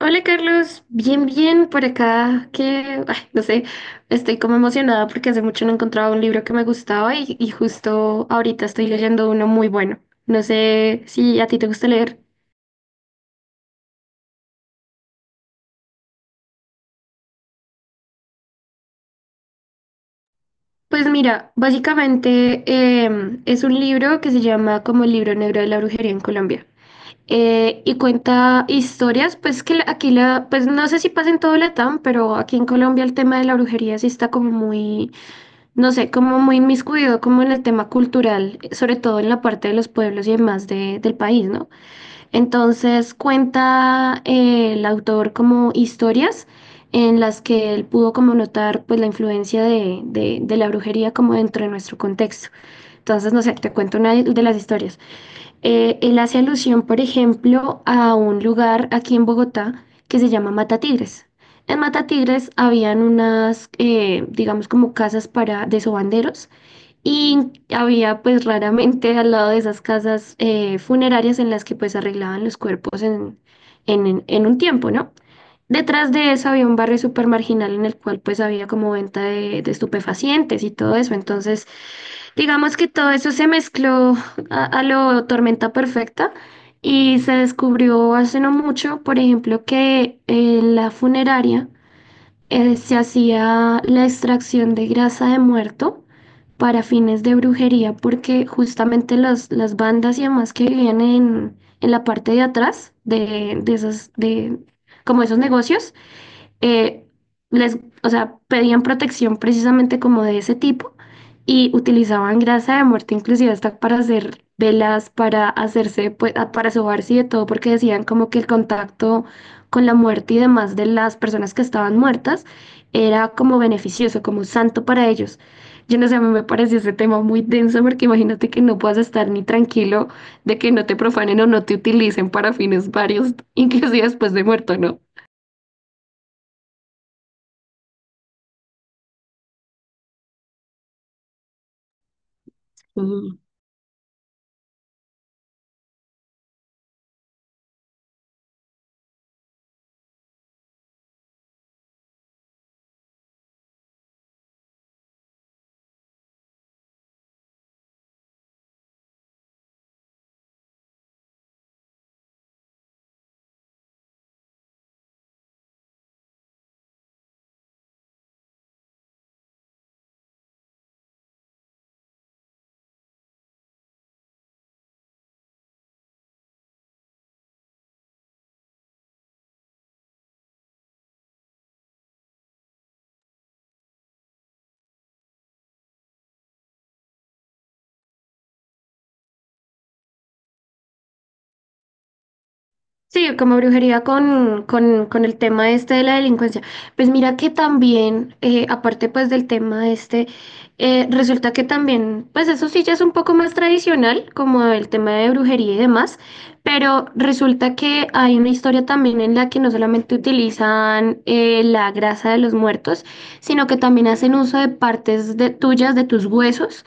Hola Carlos, bien, bien por acá, que, ay, no sé, estoy como emocionada porque hace mucho no encontraba un libro que me gustaba y justo ahorita estoy leyendo uno muy bueno. No sé si a ti te gusta leer. Pues mira, básicamente es un libro que se llama como el libro negro de la brujería en Colombia. Y cuenta historias, pues aquí la, pues no sé si pasa en todo Latam, pero aquí en Colombia el tema de la brujería sí está como muy no sé, como muy inmiscuido como en el tema cultural, sobre todo en la parte de los pueblos y demás del país, ¿no? Entonces cuenta el autor como historias en las que él pudo como notar pues la influencia de la brujería como dentro de nuestro contexto. Entonces, no sé, te cuento una de las historias. Él hace alusión, por ejemplo, a un lugar aquí en Bogotá que se llama Matatigres. En Matatigres habían unas, digamos, como casas para de sobanderos y había pues raramente al lado de esas casas funerarias en las que pues arreglaban los cuerpos un tiempo, ¿no? Detrás de eso había un barrio súper marginal en el cual pues había como venta de estupefacientes y todo eso. Entonces, digamos que todo eso se mezcló a lo tormenta perfecta y se descubrió hace no mucho, por ejemplo, que en la funeraria se hacía la extracción de grasa de muerto para fines de brujería, porque justamente las bandas y demás que vivían en la parte de atrás de como esos negocios, eh, les, o sea, pedían protección precisamente como de ese tipo y utilizaban grasa de muerte inclusive hasta para hacer velas, para hacerse, pues, para sobarse y de todo, porque decían como que el contacto con la muerte y demás de las personas que estaban muertas era como beneficioso, como santo para ellos. Yo no sé, a mí me pareció ese tema muy denso porque imagínate que no puedas estar ni tranquilo de que no te profanen o no te utilicen para fines varios, inclusive después de muerto, ¿no? Sí, como brujería con el tema este de la delincuencia. Pues mira que también, aparte pues del tema este, resulta que también, pues eso sí ya es un poco más tradicional, como el tema de brujería y demás, pero resulta que hay una historia también en la que no solamente utilizan la grasa de los muertos, sino que también hacen uso de partes de tuyas, de tus huesos.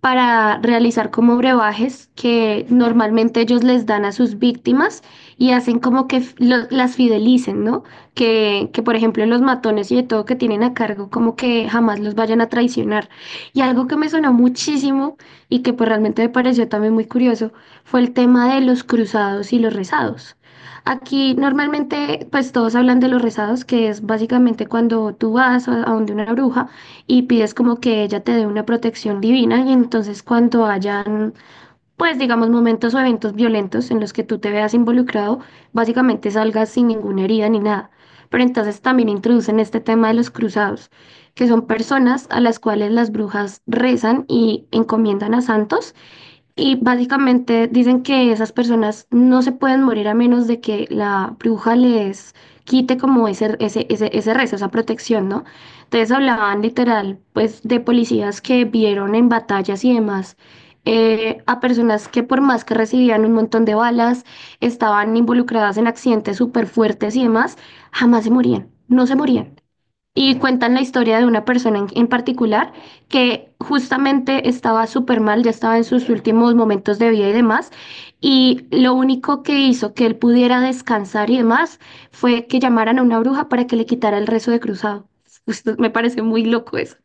Para realizar como brebajes que normalmente ellos les dan a sus víctimas y hacen como que las fidelicen, ¿no? Por ejemplo, los matones y de todo que tienen a cargo, como que jamás los vayan a traicionar. Y algo que me sonó muchísimo y que pues realmente me pareció también muy curioso fue el tema de los cruzados y los rezados. Aquí normalmente pues todos hablan de los rezados, que es básicamente cuando tú vas a donde una bruja y pides como que ella te dé una protección divina y entonces cuando hayan pues digamos, momentos o eventos violentos en los que tú te veas involucrado, básicamente salgas sin ninguna herida ni nada. Pero entonces también introducen este tema de los cruzados, que son personas a las cuales las brujas rezan y encomiendan a santos y básicamente dicen que esas personas no se pueden morir a menos de que la bruja les quite como ese rezo, esa protección, ¿no? Entonces hablaban literal, pues, de policías que vieron en batallas y demás a personas que por más que recibían un montón de balas, estaban involucradas en accidentes súper fuertes y demás, jamás se morían, no se morían y cuentan la historia de una persona en particular que justamente estaba súper mal, ya estaba en sus últimos momentos de vida y demás, y lo único que hizo que él pudiera descansar y demás fue que llamaran a una bruja para que le quitara el rezo de cruzado. Me parece muy loco eso.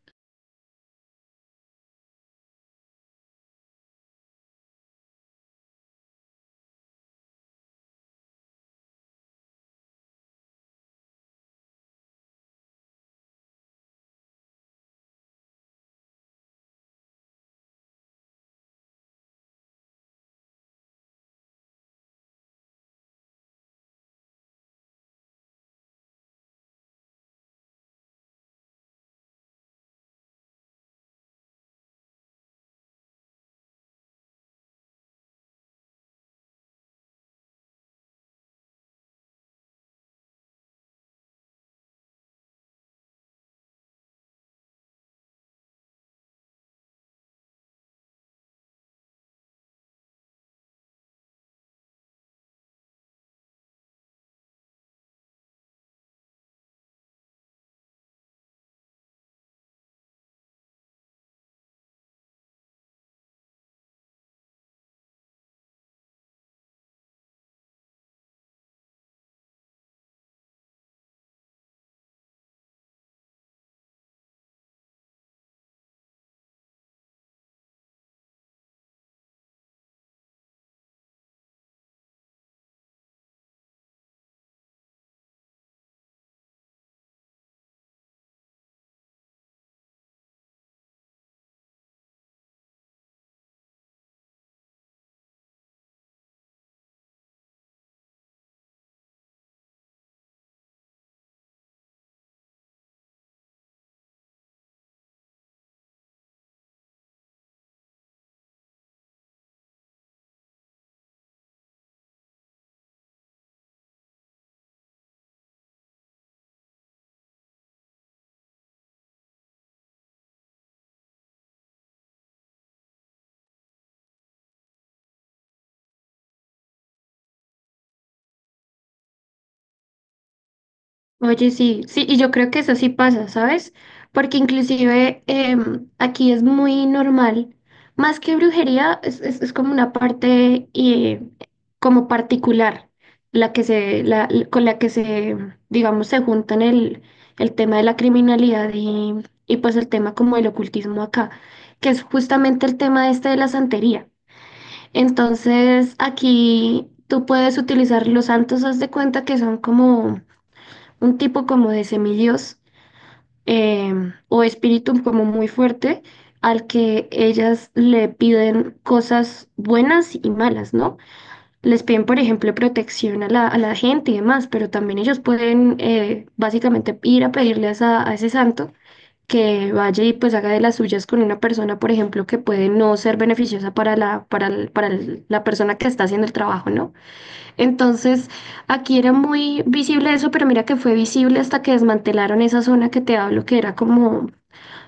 Oye, sí, sí, y yo creo que eso sí pasa, ¿sabes? Porque inclusive aquí es muy normal, más que brujería, es como una parte como particular, la que se, con la que se, digamos, se juntan el tema de la criminalidad y pues el tema como el ocultismo acá, que es justamente el tema este de la santería. Entonces, aquí tú puedes utilizar los santos, haz de cuenta que son como un tipo como de semidios o espíritu como muy fuerte al que ellas le piden cosas buenas y malas, ¿no? Les piden, por ejemplo, protección a a la gente y demás, pero también ellos pueden básicamente ir a pedirle a, a ese santo que vaya y pues haga de las suyas con una persona, por ejemplo, que puede no ser beneficiosa para la, para el- la persona que está haciendo el trabajo, ¿no? Entonces, aquí era muy visible eso, pero mira que fue visible hasta que desmantelaron esa zona que te hablo, que era como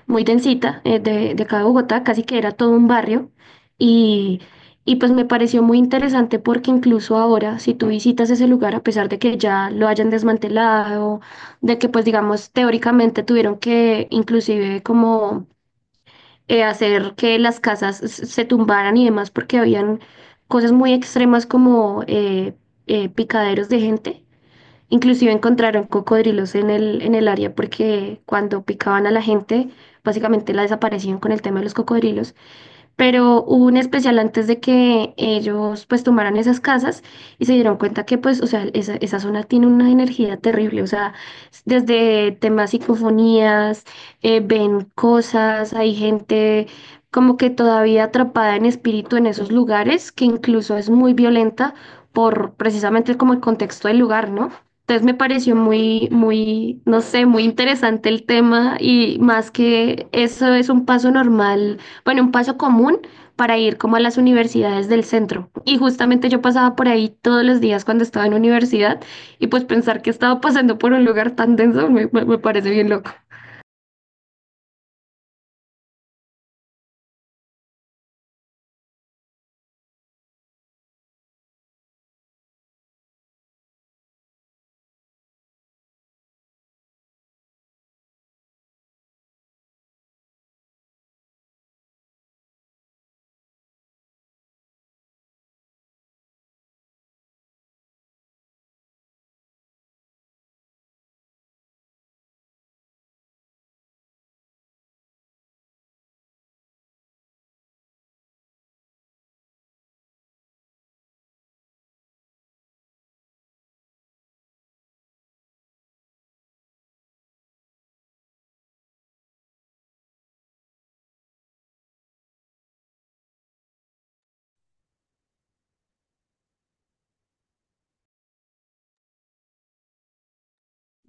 muy densita, de acá de Bogotá, casi que era todo un barrio. Y, y pues me pareció muy interesante porque incluso ahora, si tú visitas ese lugar, a pesar de que ya lo hayan desmantelado, de que pues digamos teóricamente tuvieron que inclusive como hacer que las casas se tumbaran y demás, porque habían cosas muy extremas como picaderos de gente. Inclusive encontraron cocodrilos en en el área porque cuando picaban a la gente, básicamente la desaparecían con el tema de los cocodrilos pero hubo un especial antes de que ellos pues tomaran esas casas y se dieron cuenta que pues, o sea, esa zona tiene una energía terrible, o sea, desde temas psicofonías, ven cosas, hay gente como que todavía atrapada en espíritu en esos lugares, que incluso es muy violenta por precisamente como el contexto del lugar, ¿no? Entonces me pareció no sé, muy interesante el tema y más que eso es un paso normal bueno, un paso común para ir como a las universidades del centro. Y justamente yo pasaba por ahí todos los días cuando estaba en universidad y pues pensar que estaba pasando por un lugar tan denso me parece bien loco.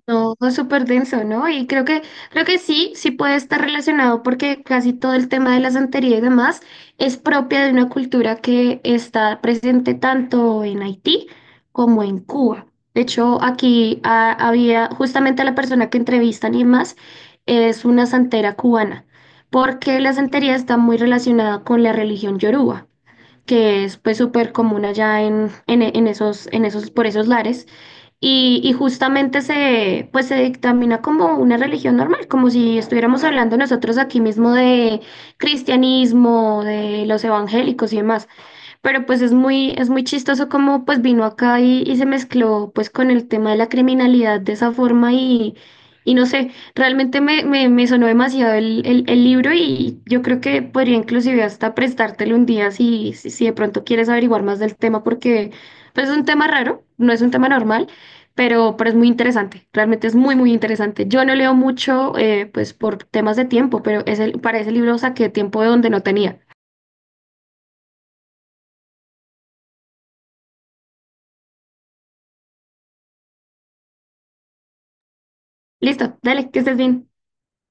No, fue súper denso, ¿no? Y creo que sí, sí puede estar relacionado porque casi todo el tema de la santería y demás es propia de una cultura que está presente tanto en Haití como en Cuba. De hecho, aquí había justamente la persona que entrevistan y demás es una santera cubana, porque la santería está muy relacionada con la religión yoruba, que es pues súper común allá en esos, por esos lares. Justamente se, pues se dictamina como una religión normal, como si estuviéramos hablando nosotros aquí mismo de cristianismo, de los evangélicos y demás. Pero pues es muy chistoso cómo pues vino acá y se mezcló pues con el tema de la criminalidad de esa forma y no sé, realmente me sonó demasiado el libro y yo creo que podría inclusive hasta prestártelo un día si de pronto quieres averiguar más del tema porque pues es un tema raro, no es un tema normal, pero es muy interesante, realmente es muy interesante. Yo no leo mucho pues por temas de tiempo, pero ese, para ese libro saqué tiempo de donde no tenía. Listo, dale, que estés bien.